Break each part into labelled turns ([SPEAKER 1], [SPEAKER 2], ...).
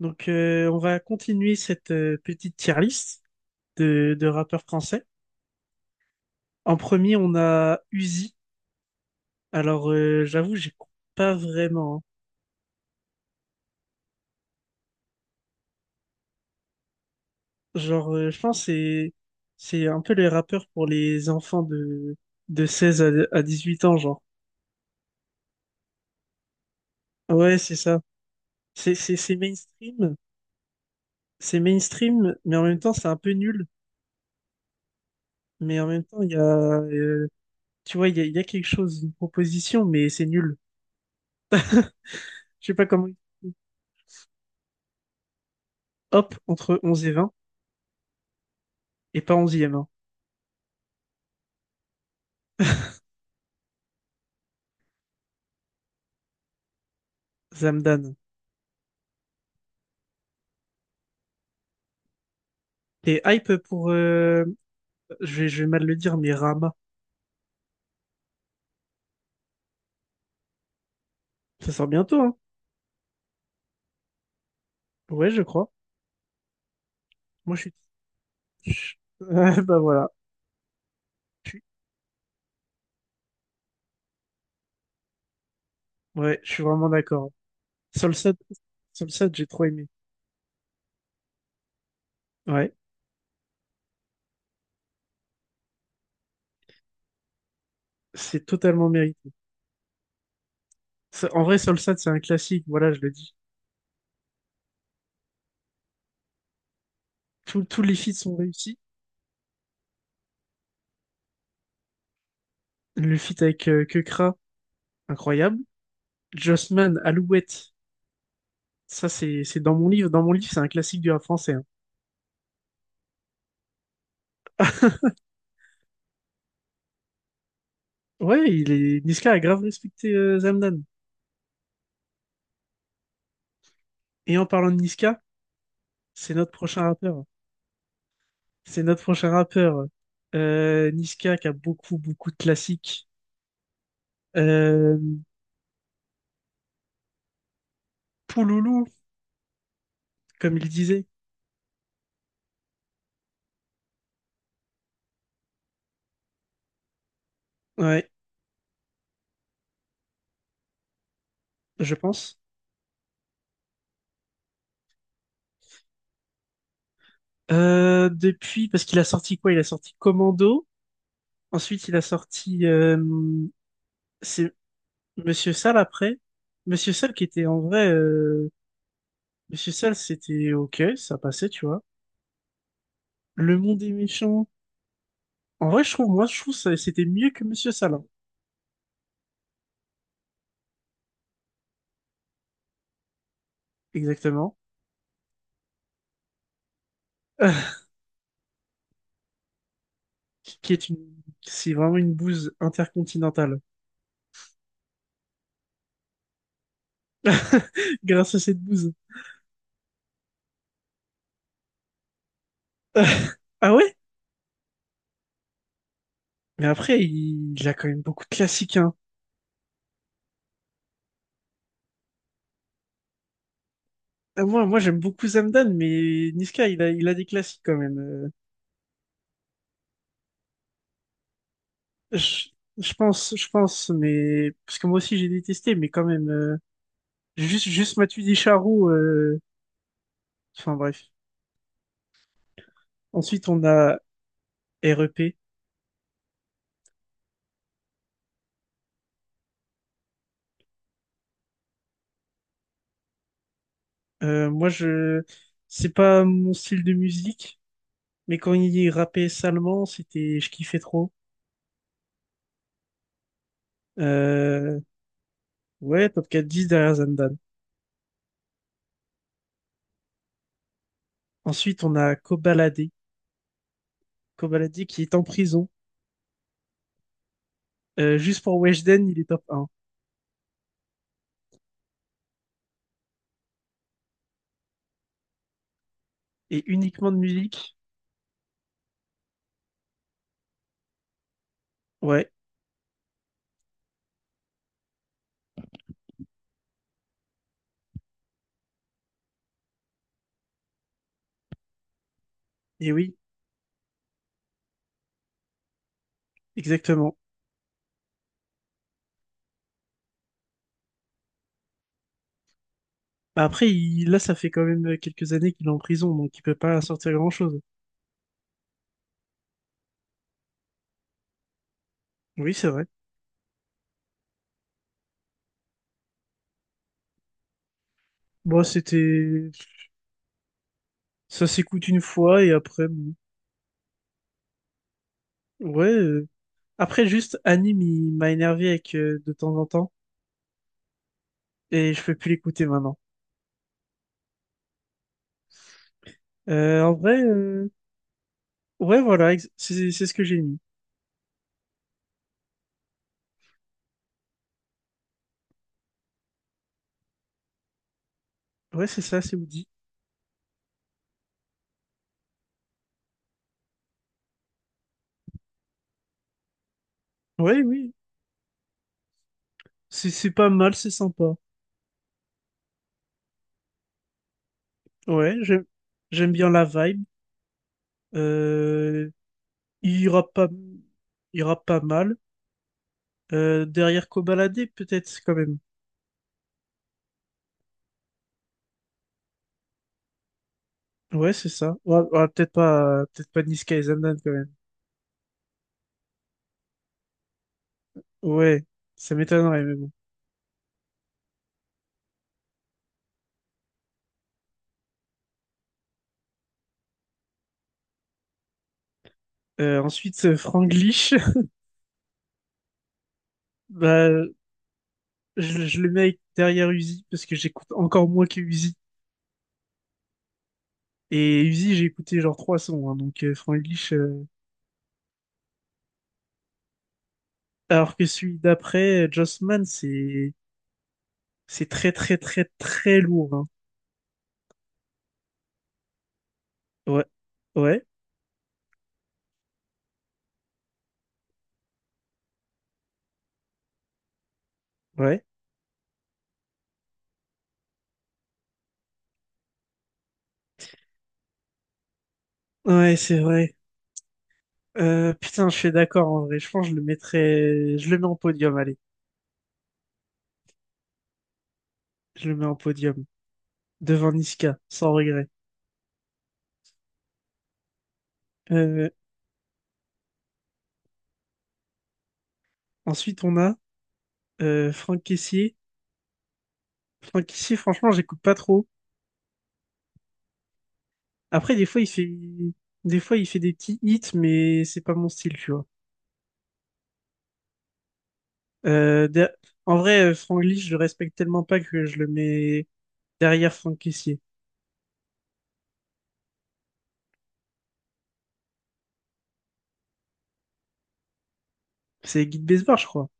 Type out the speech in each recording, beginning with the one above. [SPEAKER 1] Donc, on va continuer cette petite tier list de rappeurs français. En premier, on a Uzi. Alors, j'avoue, j'écoute pas vraiment. Hein. Genre, je pense que c'est un peu les rappeurs pour les enfants de 16 à 18 ans, genre. Ouais, c'est ça. C'est mainstream, c'est mainstream, mais en même temps, c'est un peu nul. Mais en même temps, il y a tu vois, il y a quelque chose, une proposition, mais c'est nul. Je sais pas comment. Hop, entre 11 et 20, et pas 11e. Zamdan. T'es hype pour, je vais mal le dire, mais Rama. Ça sort bientôt, hein? Ouais, je crois. Moi, je suis. je- Ouais, bah voilà. Je suis- Ouais, je suis vraiment d'accord. Solsad, Solsad, j'ai trop aimé. Ouais, c'est totalement mérité. En vrai, Solsad, c'est un classique, voilà, je le dis. Tous les feats sont réussis. Le feat avec Kekra, incroyable. Jossman, Alouette, ça, c'est dans mon livre. Dans mon livre, c'est un classique du rap français. Hein. Ouais, il est... Niska a grave respecté Zamdan. Et en parlant de Niska, c'est notre prochain rappeur. C'est notre prochain rappeur. Niska qui a beaucoup, beaucoup de classiques. Euh, Pouloulou, comme il disait. Ouais, je pense. Depuis, parce qu'il a sorti quoi? Il a sorti Commando. Ensuite, il a sorti... c'est Monsieur Sall après. Monsieur Sall qui était en vrai... Monsieur Sall, c'était OK, ça passait, tu vois. Le Monde est méchant. En vrai, je trouve, moi, je trouve ça, c'était mieux que Monsieur Sall. Hein. Exactement. Qui est une, c'est vraiment une bouse intercontinentale. Grâce à cette bouse. Ah ouais? Mais après, il a quand même beaucoup de classiques, hein. Ah, moi, j'aime beaucoup Zamdan, mais Niska, il a des classiques quand même. Je, je pense, mais parce que moi aussi j'ai détesté, mais quand même, juste Matuidi Charou. Enfin bref. Ensuite, on a R.E.P. Euh, moi, je, c'est pas mon style de musique, mais quand il rappait salement, c'était, je kiffais trop. Euh, Ouais, top 4-10 derrière Zandane. Ensuite, on a Kobalade. Kobalade qui est en prison. Juste pour Weshden, il est top 1. Et uniquement de musique. Ouais, et oui, exactement. Bah, après, là, ça fait quand même quelques années qu'il est en prison, donc il peut pas sortir grand-chose. Oui, c'est vrai. Bon, c'était... Ça s'écoute une fois, et après... bon. Ouais. Après, juste, Anime, il m'a énervé avec de temps en temps, et je peux plus l'écouter maintenant. En vrai... Ouais, voilà, c'est ce que j'ai mis. Ouais, c'est ça, c'est Woody. Oui, oui, c'est pas mal, c'est sympa. Ouais, j'aime bien la vibe. Euh, il ira pas, il ira pas mal. Derrière Kobalade, peut-être quand même. Ouais, c'est ça. Ouais, ouais, peut-être pas Niska et Zamdan quand même. Ouais, ça m'étonnerait, mais bon. Ensuite, Franglish. Bah, je le mets derrière Uzi parce que j'écoute encore moins que Uzi. Et Uzi, j'ai écouté genre trois sons, hein, donc Franglish. Alors que celui d'après, Jossman, c'est... C'est très très très très lourd. Hein. Ouais, ouais, ouais. Ouais, c'est vrai. Putain, je suis d'accord en vrai. Je pense que je le mettrais. Je le mets en podium, allez. Je le mets en podium. Devant Niska, sans regret. Euh, Ensuite, on a Franck Caissier. Franck Caissier, franchement, j'écoute pas trop. Après, des fois, il fait. Des fois, il fait des petits hits, mais c'est pas mon style, tu vois. Euh, der- En vrai, Franck Lee, je le respecte tellement pas que je le mets derrière Franck Caissier. C'est Guy Besbar, je crois.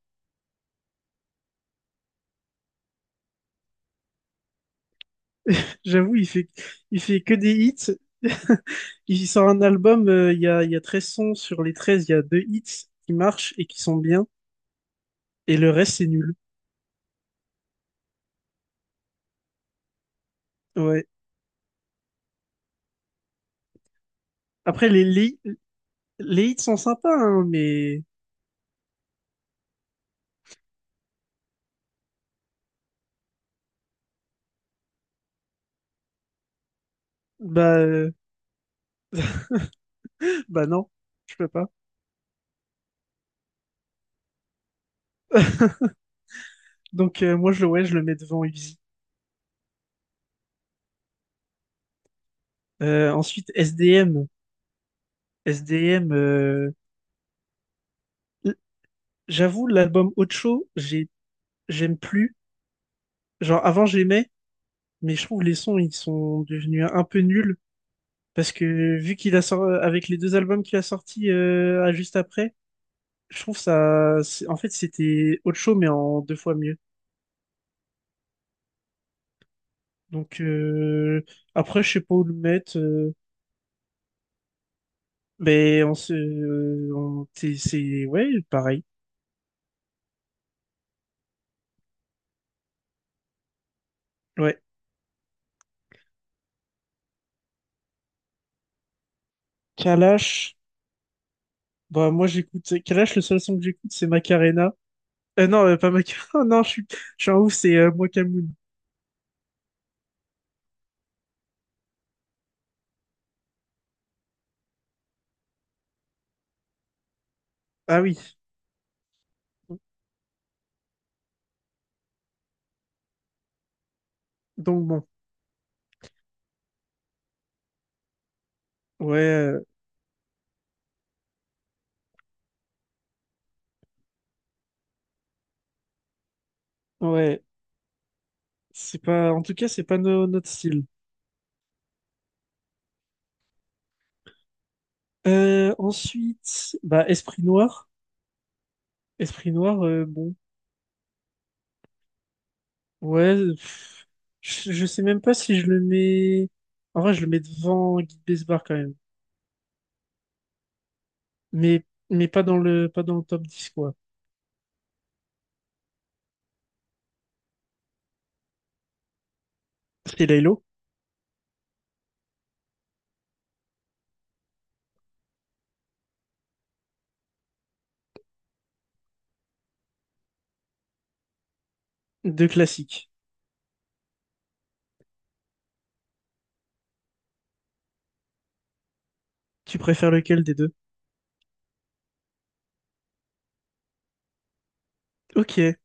[SPEAKER 1] J'avoue, il fait que des hits. Il sort un album, il y a 13 sons. Sur les 13, il y a deux hits qui marchent et qui sont bien. Et le reste, c'est nul. Ouais. Après, les hits sont sympas, hein, mais bah, euh, bah non, je peux pas. Donc, ouais, je le mets devant Uzi. Ensuite, SDM. SDM, l- j'avoue, l'album Ocho, j'aime plus. Genre, avant, j'aimais, mais je trouve les sons, ils sont devenus un peu nuls. Parce que vu qu'il a sorti avec les deux albums qu'il a sortis à juste après, je trouve ça, en fait c'était autre show mais en deux fois mieux. Donc après je sais pas où le mettre, mais on se, on- c'est- ouais pareil. Ouais. Kalash, bah moi j'écoute Kalash, le seul son que j'écoute c'est Macarena. Non, pas Macarena, non, je suis en ouf c'est Mokamoon. Ah oui, donc bon, ouais, ouais c'est pas, en tout cas c'est pas notre style. Ensuite, bah, Esprit Noir. Esprit Noir, bon. Ouais, pff, je sais même pas si je le mets. En vrai, je le mets devant Guy Besbar quand même. Mais, mais pas dans le top 10 quoi. C'est Laylo. Deux classiques. Tu préfères lequel des deux? Ok.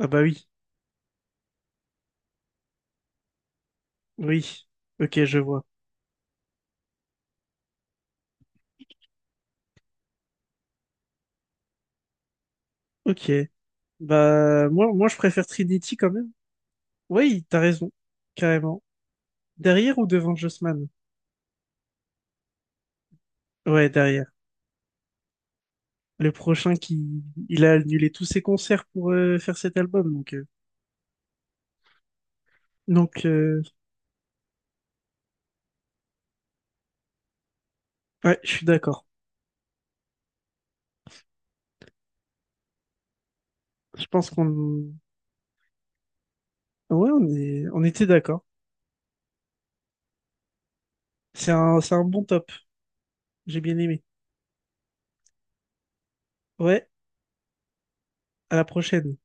[SPEAKER 1] Ah bah oui. Oui. Ok, je vois. Ok. Bah, moi, je préfère Trinity quand même. Oui, t'as raison. Carrément. Derrière ou devant Jossman? Ouais, derrière. Le prochain qui, il a annulé tous ses concerts pour faire cet album, donc ouais, je suis d'accord. Je pense qu'on... Ouais, on était d'accord. C'est un bon top, j'ai bien aimé. Ouais, à la prochaine.